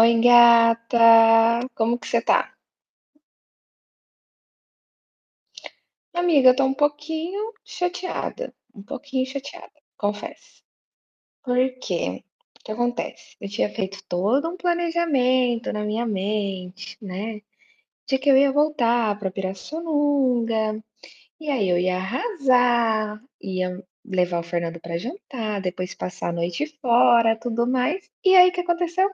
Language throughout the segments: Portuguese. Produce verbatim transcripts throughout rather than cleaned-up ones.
Oi, gata. Como que você tá? Amiga, eu tô um pouquinho chateada. Um pouquinho chateada, confesso. Por quê? O que acontece? Eu tinha feito todo um planejamento na minha mente, né? De que eu ia voltar pra Pirassununga, e aí eu ia arrasar, ia levar o Fernando pra jantar, depois passar a noite fora, tudo mais. E aí o que aconteceu?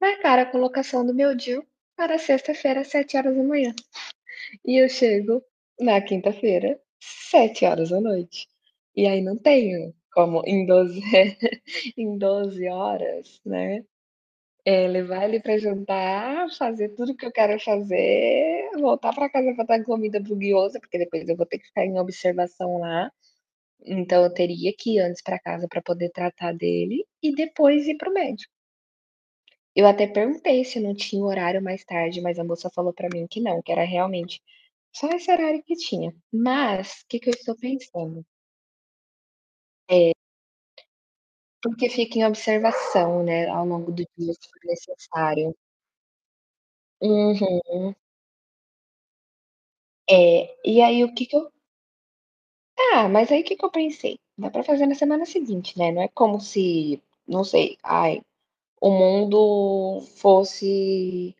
Marcaram a colocação do meu D I U para sexta-feira, às sete horas da manhã. E eu chego na quinta-feira, sete horas da noite e aí não tenho como em doze em doze horas, né, eh, levar ele pra jantar, fazer tudo o que eu quero fazer, voltar para casa para dar comida para Guiosa, porque depois eu vou ter que ficar em observação lá, então eu teria que ir antes para casa para poder tratar dele e depois ir para o médico. Eu até perguntei se não tinha horário mais tarde, mas a moça falou para mim que não, que era realmente só esse horário que tinha. Mas, o que que eu estou pensando? Porque fica em observação, né, ao longo do dia, se for necessário. Uhum. É, e aí o que que eu ah, mas aí o que que eu pensei? Dá pra fazer na semana seguinte, né, não é como se, não sei, ai, o mundo fosse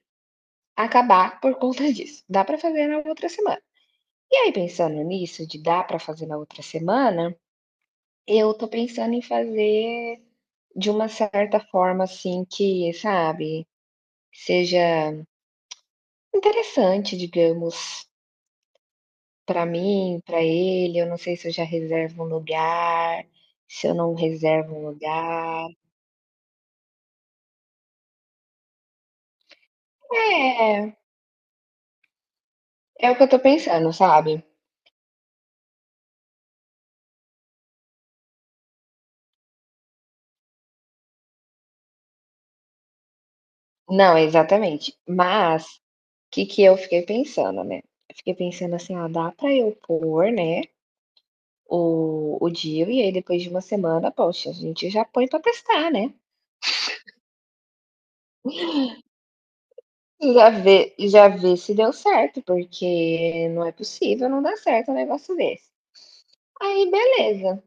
acabar por conta disso. Dá pra fazer na outra semana. E aí pensando nisso, de dar pra fazer na outra semana, eu tô pensando em fazer. De uma certa forma, assim, que, sabe, seja interessante, digamos, para mim, para ele. Eu não sei se eu já reservo um lugar, se eu não reservo um lugar. É, é o que eu tô pensando, sabe. Não, exatamente. Mas, o que que eu fiquei pensando, né. Eu fiquei pensando assim: "Ah, dá pra eu pôr, né, o o D I U e aí depois de uma semana, poxa, a gente já põe pra testar, né". Já vê, já vê se deu certo, porque não é possível não dar certo um negócio desse. Aí, beleza.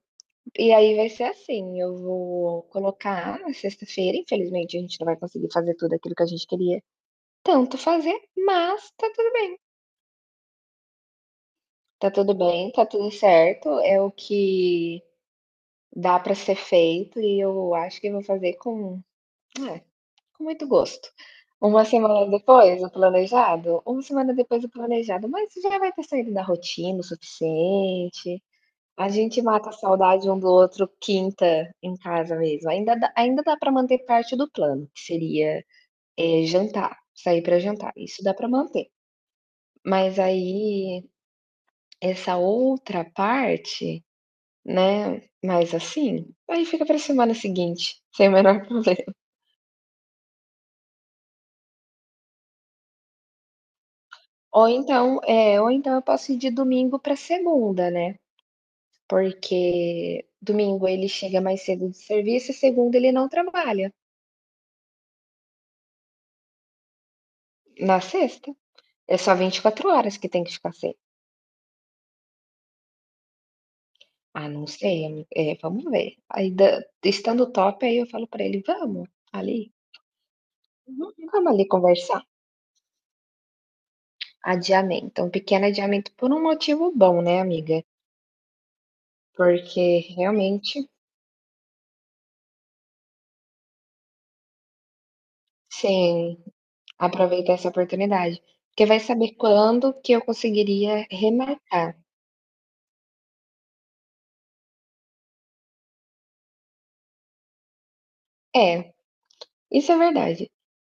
E aí vai ser assim, eu vou colocar na sexta-feira, infelizmente a gente não vai conseguir fazer tudo aquilo que a gente queria tanto fazer, mas tá tudo tá tudo bem, tá tudo certo, é o que dá pra ser feito e eu acho que eu vou fazer com, ah, com muito gosto. Uma semana depois, o planejado? Uma semana depois o planejado, mas já vai ter saído da rotina o suficiente. A gente mata a saudade um do outro quinta em casa mesmo. Ainda dá, ainda dá para manter parte do plano, que seria, eh, jantar, sair para jantar, isso dá para manter. Mas aí, essa outra parte, né. Mas assim, aí fica pra semana seguinte, sem o menor problema. Ou então é, ou então eu posso ir de domingo para segunda, né, porque domingo ele chega mais cedo do serviço e segunda ele não trabalha. Na sexta, é só vinte e quatro horas que tem que ficar sem. Ah, não sei, ami eh, vamos ver. Aí da estando top, aí eu falo para ele: "Vamos ali. Uhum, vamos ali conversar". Adiamento, um pequeno adiamento por um motivo bom, né, amiga, porque realmente sim. Aproveitar essa oportunidade, porque vai saber quando que eu conseguiria remarcar. É, isso é verdade.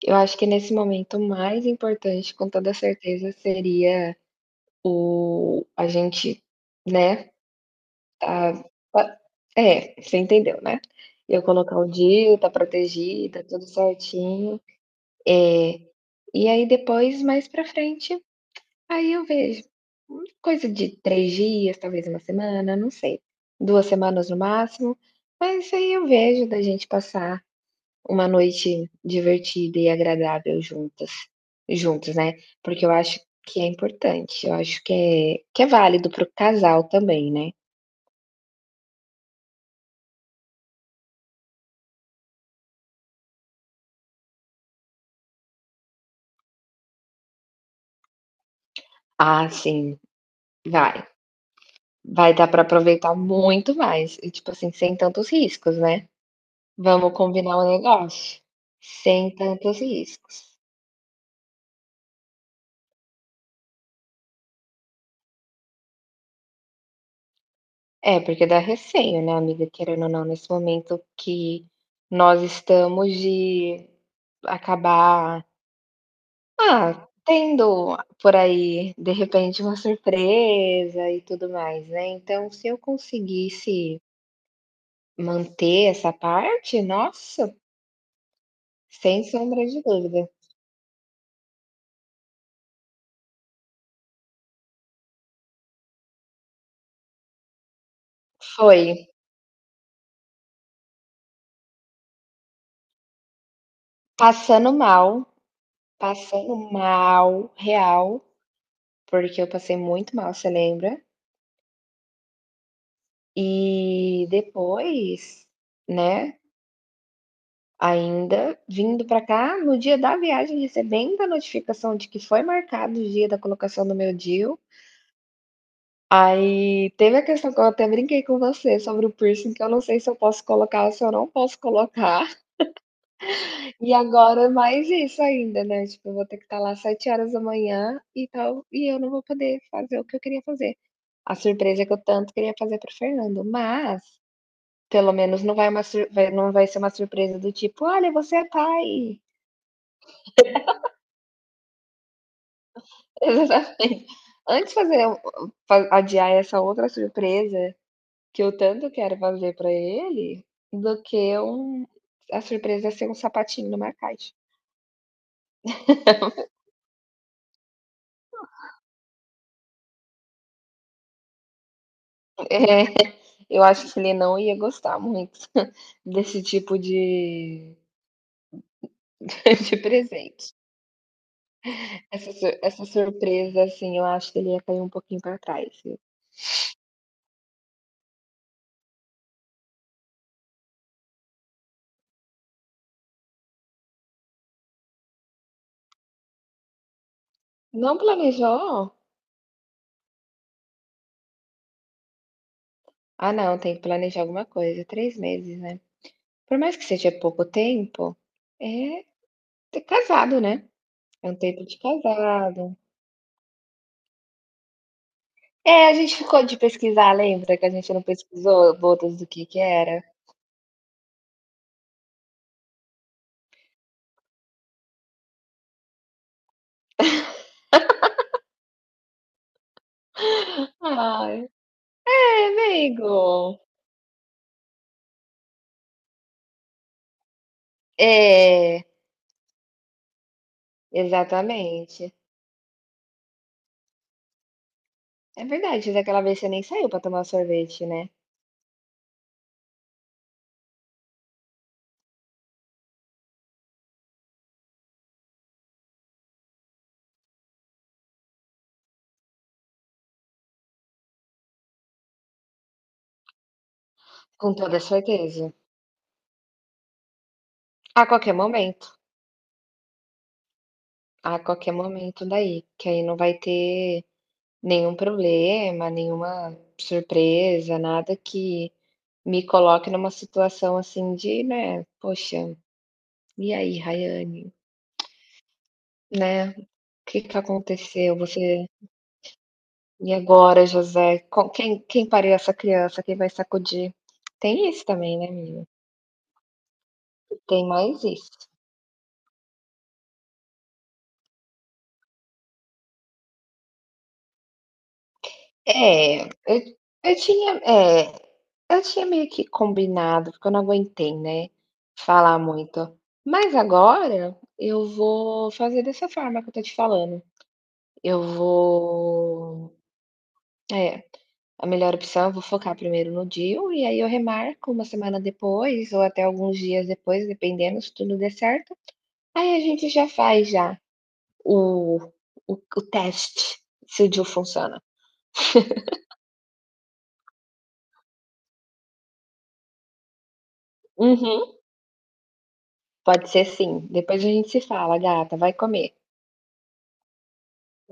Eu acho que nesse momento o mais importante, com toda certeza, seria o a gente, né, tá, tá, é, você entendeu, né. Eu colocar o dia, tá protegida, tudo certinho. Eh, e aí depois, mais pra frente, aí eu vejo, hum, coisa de três dias, talvez uma semana, não sei, duas semanas no máximo, mas aí eu vejo da gente passar uma noite divertida e agradável juntas, juntos, né, porque eu acho que é importante, eu acho que é que é válido para o casal também, né. Ah, sim, vai. Vai dar pra aproveitar muito mais e, tipo assim, sem tantos riscos, né. Vamos combinar um negócio? Sem tantos riscos. É, porque dá receio, né, amiga, querendo ou não, nesse momento que nós estamos de acabar, ah, tendo por aí, de repente, uma surpresa e tudo mais, né. Então, se eu conseguisse manter essa parte, nossa, sem sombra de dúvida. Foi, passando mal, passando mal, real, porque eu passei muito mal, você lembra? E depois, né, ainda vindo para cá, no dia da viagem, recebendo a notificação de que foi marcado o dia da colocação do meu D I U. Aí teve a questão que eu até brinquei com você sobre o piercing, que eu não sei se eu posso colocar ou se eu não posso colocar. E agora é mais isso ainda, né, tipo, eu vou ter que estar lá às sete horas da manhã e tal, e eu não vou poder fazer o que eu queria fazer. A surpresa que eu tanto queria fazer para o Fernando, mas pelo menos não vai, uma sur, vai, não vai ser uma surpresa do tipo: "Olha, você é pai". Exatamente. Antes de fazer, fa, adiar essa outra surpresa que eu tanto quero fazer pra ele, do que um, a surpresa ser um sapatinho numa caixa. É, eu acho que ele não ia gostar muito desse tipo de de presente. Essa su, essa surpresa, assim, eu acho que ele ia cair um pouquinho pra trás. Não planejou? Ah, não, tem que planejar alguma coisa. Três meses, né. Por mais que seja pouco tempo, é, tá casado, né? É um tempo de casado. É, a gente ficou de pesquisar, lembra? Que a gente não pesquisou bodas do que que era. Ai, é, amigo. É, exatamente. É verdade, daquela vez você nem saiu pra tomar sorvete, né? Com toda certeza. A qualquer momento. A qualquer momento daí. Que aí não vai ter nenhum problema, nenhuma surpresa, nada que me coloque numa situação assim de, né? Poxa, e aí, Rayane? Né, o que que aconteceu? Você e agora José, com quem, quem paria essa criança, quem vai sacudir? Tem isso também, né, menina? Tem mais isso. É, eu eu tinha, é, eu tinha meio que combinado, porque eu não aguentei, né, falar muito. Mas agora eu vou fazer dessa forma que eu tô te falando. Eu vou, é, a melhor opção, eu vou focar primeiro no D I U e aí eu remarco uma semana depois ou até alguns dias depois, dependendo se tudo der certo. Aí a gente já faz, já o o o teste se o D I U funciona. Uhum, pode ser sim. Depois a gente se fala, gata, vai comer.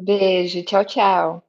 Beijo, tchau, tchau.